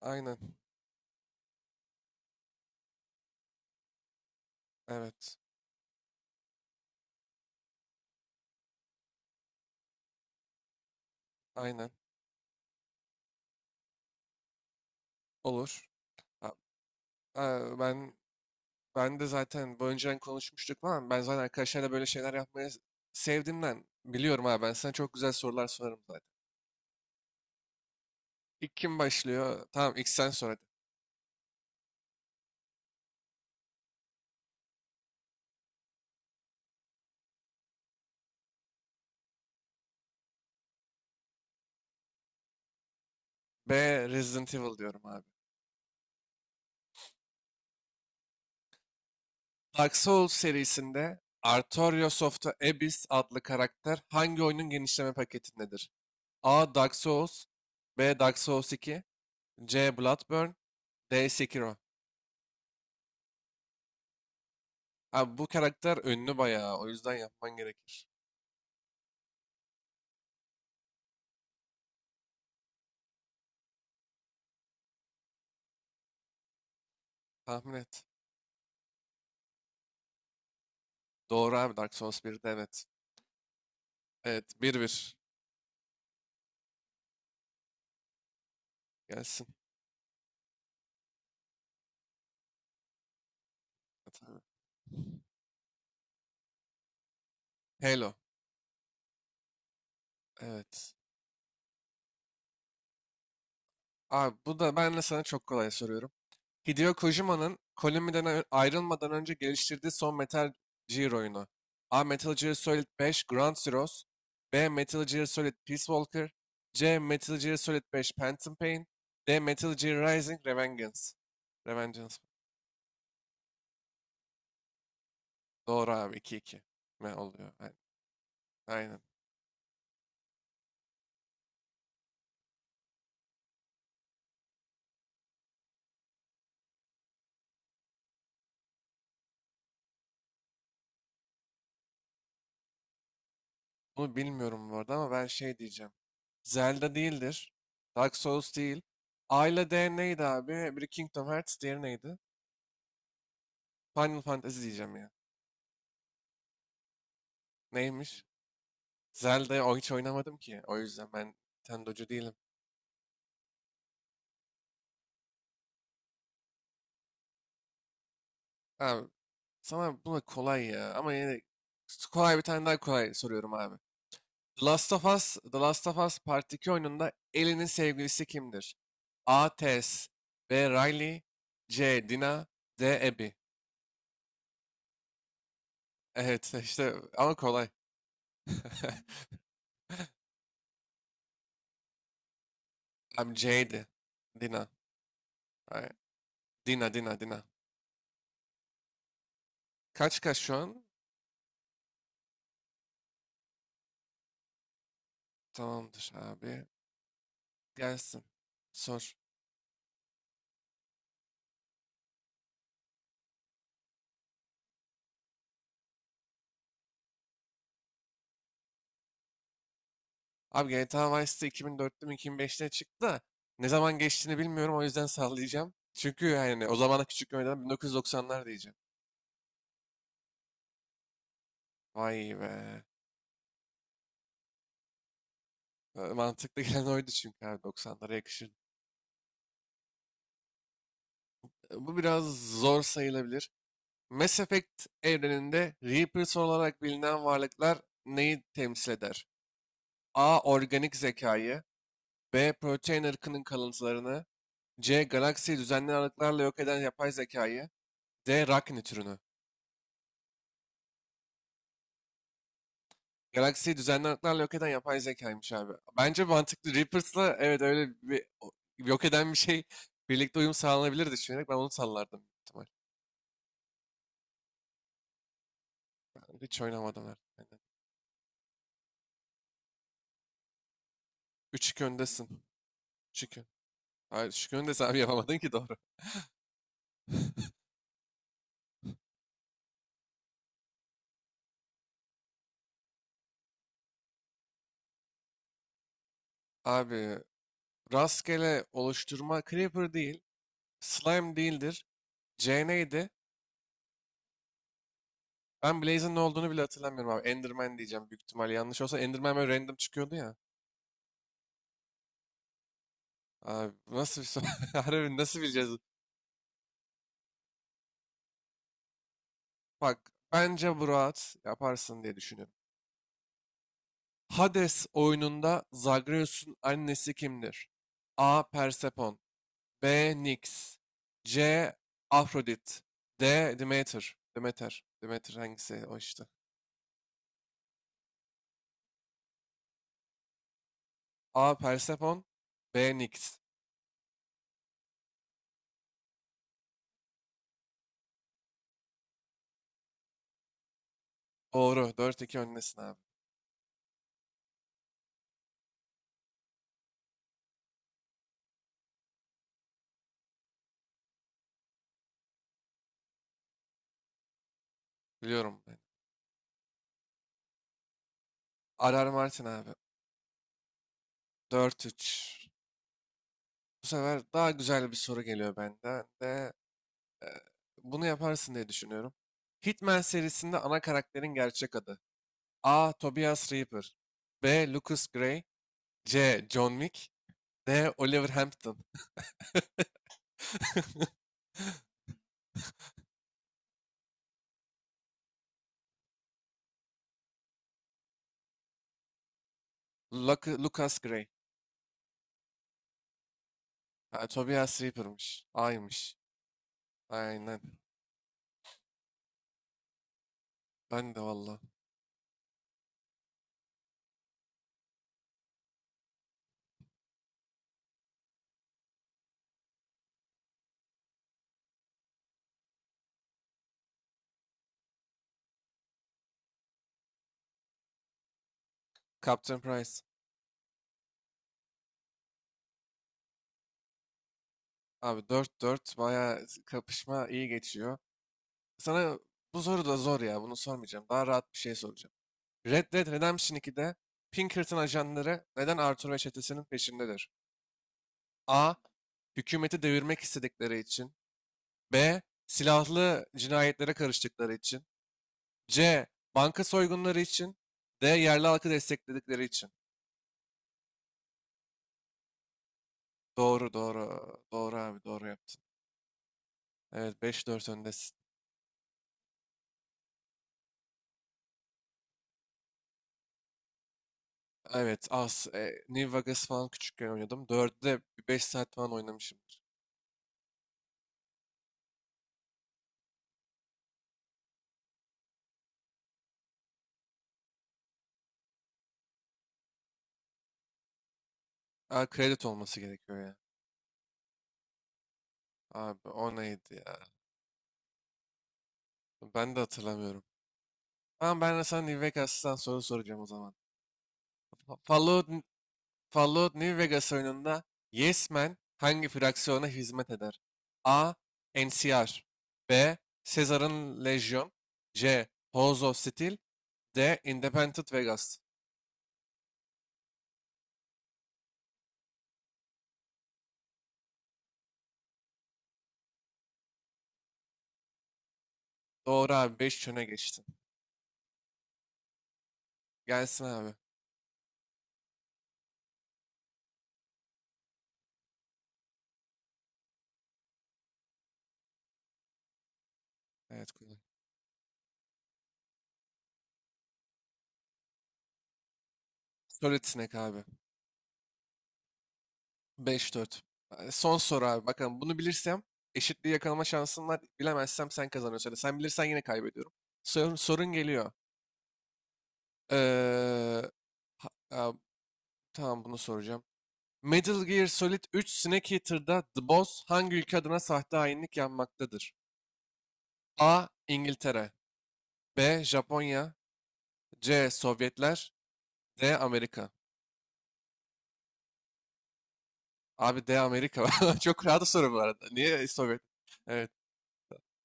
Aynen. Evet. Aynen. Olur. Ha- ha, Ben ben de zaten bu önceden konuşmuştuk falan. Ben zaten arkadaşlarla böyle şeyler yapmayı sevdiğimden biliyorum abi. Ben sana çok güzel sorular sorarım zaten. İlk kim başlıyor? Tamam, ilk sen sor hadi. B. Resident Evil diyorum abi. Dark Souls serisinde Artorias of the Abyss adlı karakter hangi oyunun genişleme paketindedir? A. Dark Souls B. Dark Souls 2 C. Bloodborne D. Sekiro. Abi bu karakter ünlü bayağı. O yüzden yapman gerekir. Tahmin et. Doğru abi, Dark Souls 1'de evet. Evet, 1-1. Gelsin. Evet abi. Halo. Evet. Abi bu da ben de sana çok kolay soruyorum. Hideo Kojima'nın Konami'den ayrılmadan önce geliştirdiği son Metal Gear oyunu. A. Metal Gear Solid 5 Ground Zeroes B. Metal Gear Solid Peace Walker C. Metal Gear Solid 5 Phantom Pain D. Metal Gear Rising Revengeance. Revengeance. Doğru abi, 2-2 mi oluyor? Aynen. Aynen. Bunu bilmiyorum bu arada ama ben şey diyeceğim. Zelda değildir. Dark Souls değil. A ile D neydi abi? Biri Kingdom Hearts, diğeri neydi? Final Fantasy diyeceğim ya. Neymiş? Zelda'yı hiç oynamadım ki. O yüzden ben Nintendo'cu değilim. Abi sana bu da kolay ya. Ama yine de kolay bir tane, daha kolay soruyorum abi. The Last of Us, The Last of Us Part 2 oyununda Ellie'nin sevgilisi kimdir? A. Tess B. Riley C. Dina D. Abby. Evet, işte ama kolay. I'm C'ydi. Dina. Ay, Dina, Dina, Dina. Kaç kaç şu an? Tamamdır abi. Gelsin. Sor. Abi GTA Vice'de 2004'te mi 2005'te çıktı da ne zaman geçtiğini bilmiyorum, o yüzden sallayacağım. Çünkü yani o zamana küçük görmeden 1990'lar diyeceğim. Vay be. Mantıklı gelen oydu çünkü abi, 90'lara yakışır. Bu biraz zor sayılabilir. Mass Effect evreninde Reapers olarak bilinen varlıklar neyi temsil eder? A. Organik zekayı B. Protein ırkının kalıntılarını C. Galaksiyi düzenli aralıklarla yok eden yapay zekayı D. Rakni türünü. Galaksiyi düzenli aralıklarla yok eden yapay zekaymış abi. Bence mantıklı. Reapers'la evet öyle bir yok eden bir şey birlikte uyum sağlanabilir düşünerek ben onu sallardım büyük ihtimal. Hiç oynamadım herhalde. 3-2 öndesin. 3-2. Hayır, 3-2 öndesin abi, yapamadın ki doğru. Abi rastgele oluşturma Creeper değil. Slime değildir. C neydi? Ben Blaze'in ne olduğunu bile hatırlamıyorum abi. Enderman diyeceğim büyük ihtimal. Yanlış olsa Enderman böyle random çıkıyordu ya. Abi bu nasıl bir soru? Harbi nasıl bileceğiz? Bak bence bu rahat yaparsın diye düşünüyorum. Hades oyununda Zagreus'un annesi kimdir? A. Persefone B. Nix C. Afrodit D. Demeter. Demeter Demeter hangisi o işte. A. Persephone B. Nix. Doğru. 4-2 öndesin abi. Biliyorum ben. Arar Martin abi. 4-3. Bu sefer daha güzel bir soru geliyor benden de. e, bunu yaparsın diye düşünüyorum. Hitman serisinde ana karakterin gerçek adı. A. Tobias Reaper B. Lucas Gray C. John Wick D. Oliver Hampton. Lucas Gray. Ha, Tobias Reaper'mış. Aymış. Aynen. Ben de valla. Captain Price. Abi, 4-4, baya kapışma iyi geçiyor. Sana bu soru da zor ya. Bunu sormayacağım. Daha rahat bir şey soracağım. Red Dead Redemption 2'de Pinkerton ajanları neden Arthur ve çetesinin peşindedir? A. Hükümeti devirmek istedikleri için. B. Silahlı cinayetlere karıştıkları için. C. Banka soygunları için. D. Yerli halkı destekledikleri için. Doğru, doğru. Doğru abi, doğru yaptın. Evet, 5-4 öndesin. Evet, az. New Vegas falan küçükken oynadım. 4'de 5 saat falan oynamışımdır. Aa, kredi olması gerekiyor ya. Abi o neydi ya? Ben de hatırlamıyorum. Ama ben de sana New Vegas'tan soru soracağım o zaman. Fa- Fallout, Fallout New Vegas oyununda Yes Man hangi fraksiyona hizmet eder? A. NCR B. Caesar'ın Legion C. House of Steel D. Independent Vegas. Doğru abi, 5 çöne geçtin. Gelsin abi. Evet, kolay. Solid Snake abi. 5-4. Son soru abi. Bakalım, bunu bilirsem eşitliği yakalama şansım var. Bilemezsem sen kazanıyorsun. Ya da sen bilirsen yine kaybediyorum. Sorun, sorun geliyor. Ee, ha- ha, tamam bunu soracağım. Metal Gear Solid 3 Snake Eater'da The Boss hangi ülke adına sahte hainlik yapmaktadır? A. İngiltere B. Japonya C. Sovyetler D. Amerika. Abi, D. Amerika. Çok rahat soru bu arada. Niye Sovyet? Evet.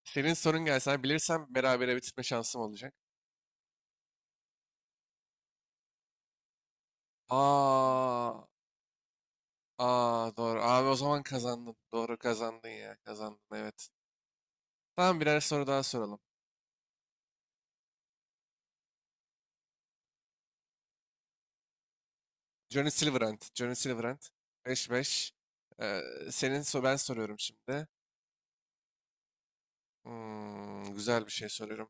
Senin sorun gelsen bilirsem berabere bitirme şansım olacak. Aa, aa doğru. Abi o zaman kazandın. Doğru, kazandın ya. Kazandın, evet. Tamam, birer soru daha soralım. Johnny Silverhand. Johnny Silverhand. 5-5. Ee, senin so ben soruyorum şimdi. Hmm, güzel bir şey soruyorum.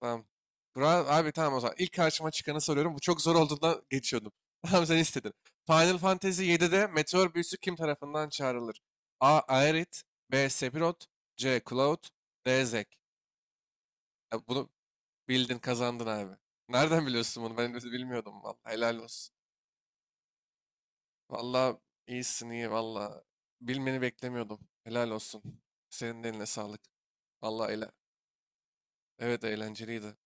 Tamam. Burak abi, tamam o zaman. İlk karşıma çıkanı soruyorum. Bu çok zor olduğundan geçiyordum. Tamam, sen istedin. Final Fantasy 7'de meteor büyüsü kim tarafından çağrılır? A. Aerith B. Sephiroth C. Cloud D. Zek. Ya bunu bildin, kazandın abi. Nereden biliyorsun bunu? Ben de bilmiyordum vallahi. Helal olsun. Vallahi iyisin, iyi vallahi. Bilmeni beklemiyordum. Helal olsun. Senin de eline sağlık. Vallahi eyle. Evet, eğlenceliydi.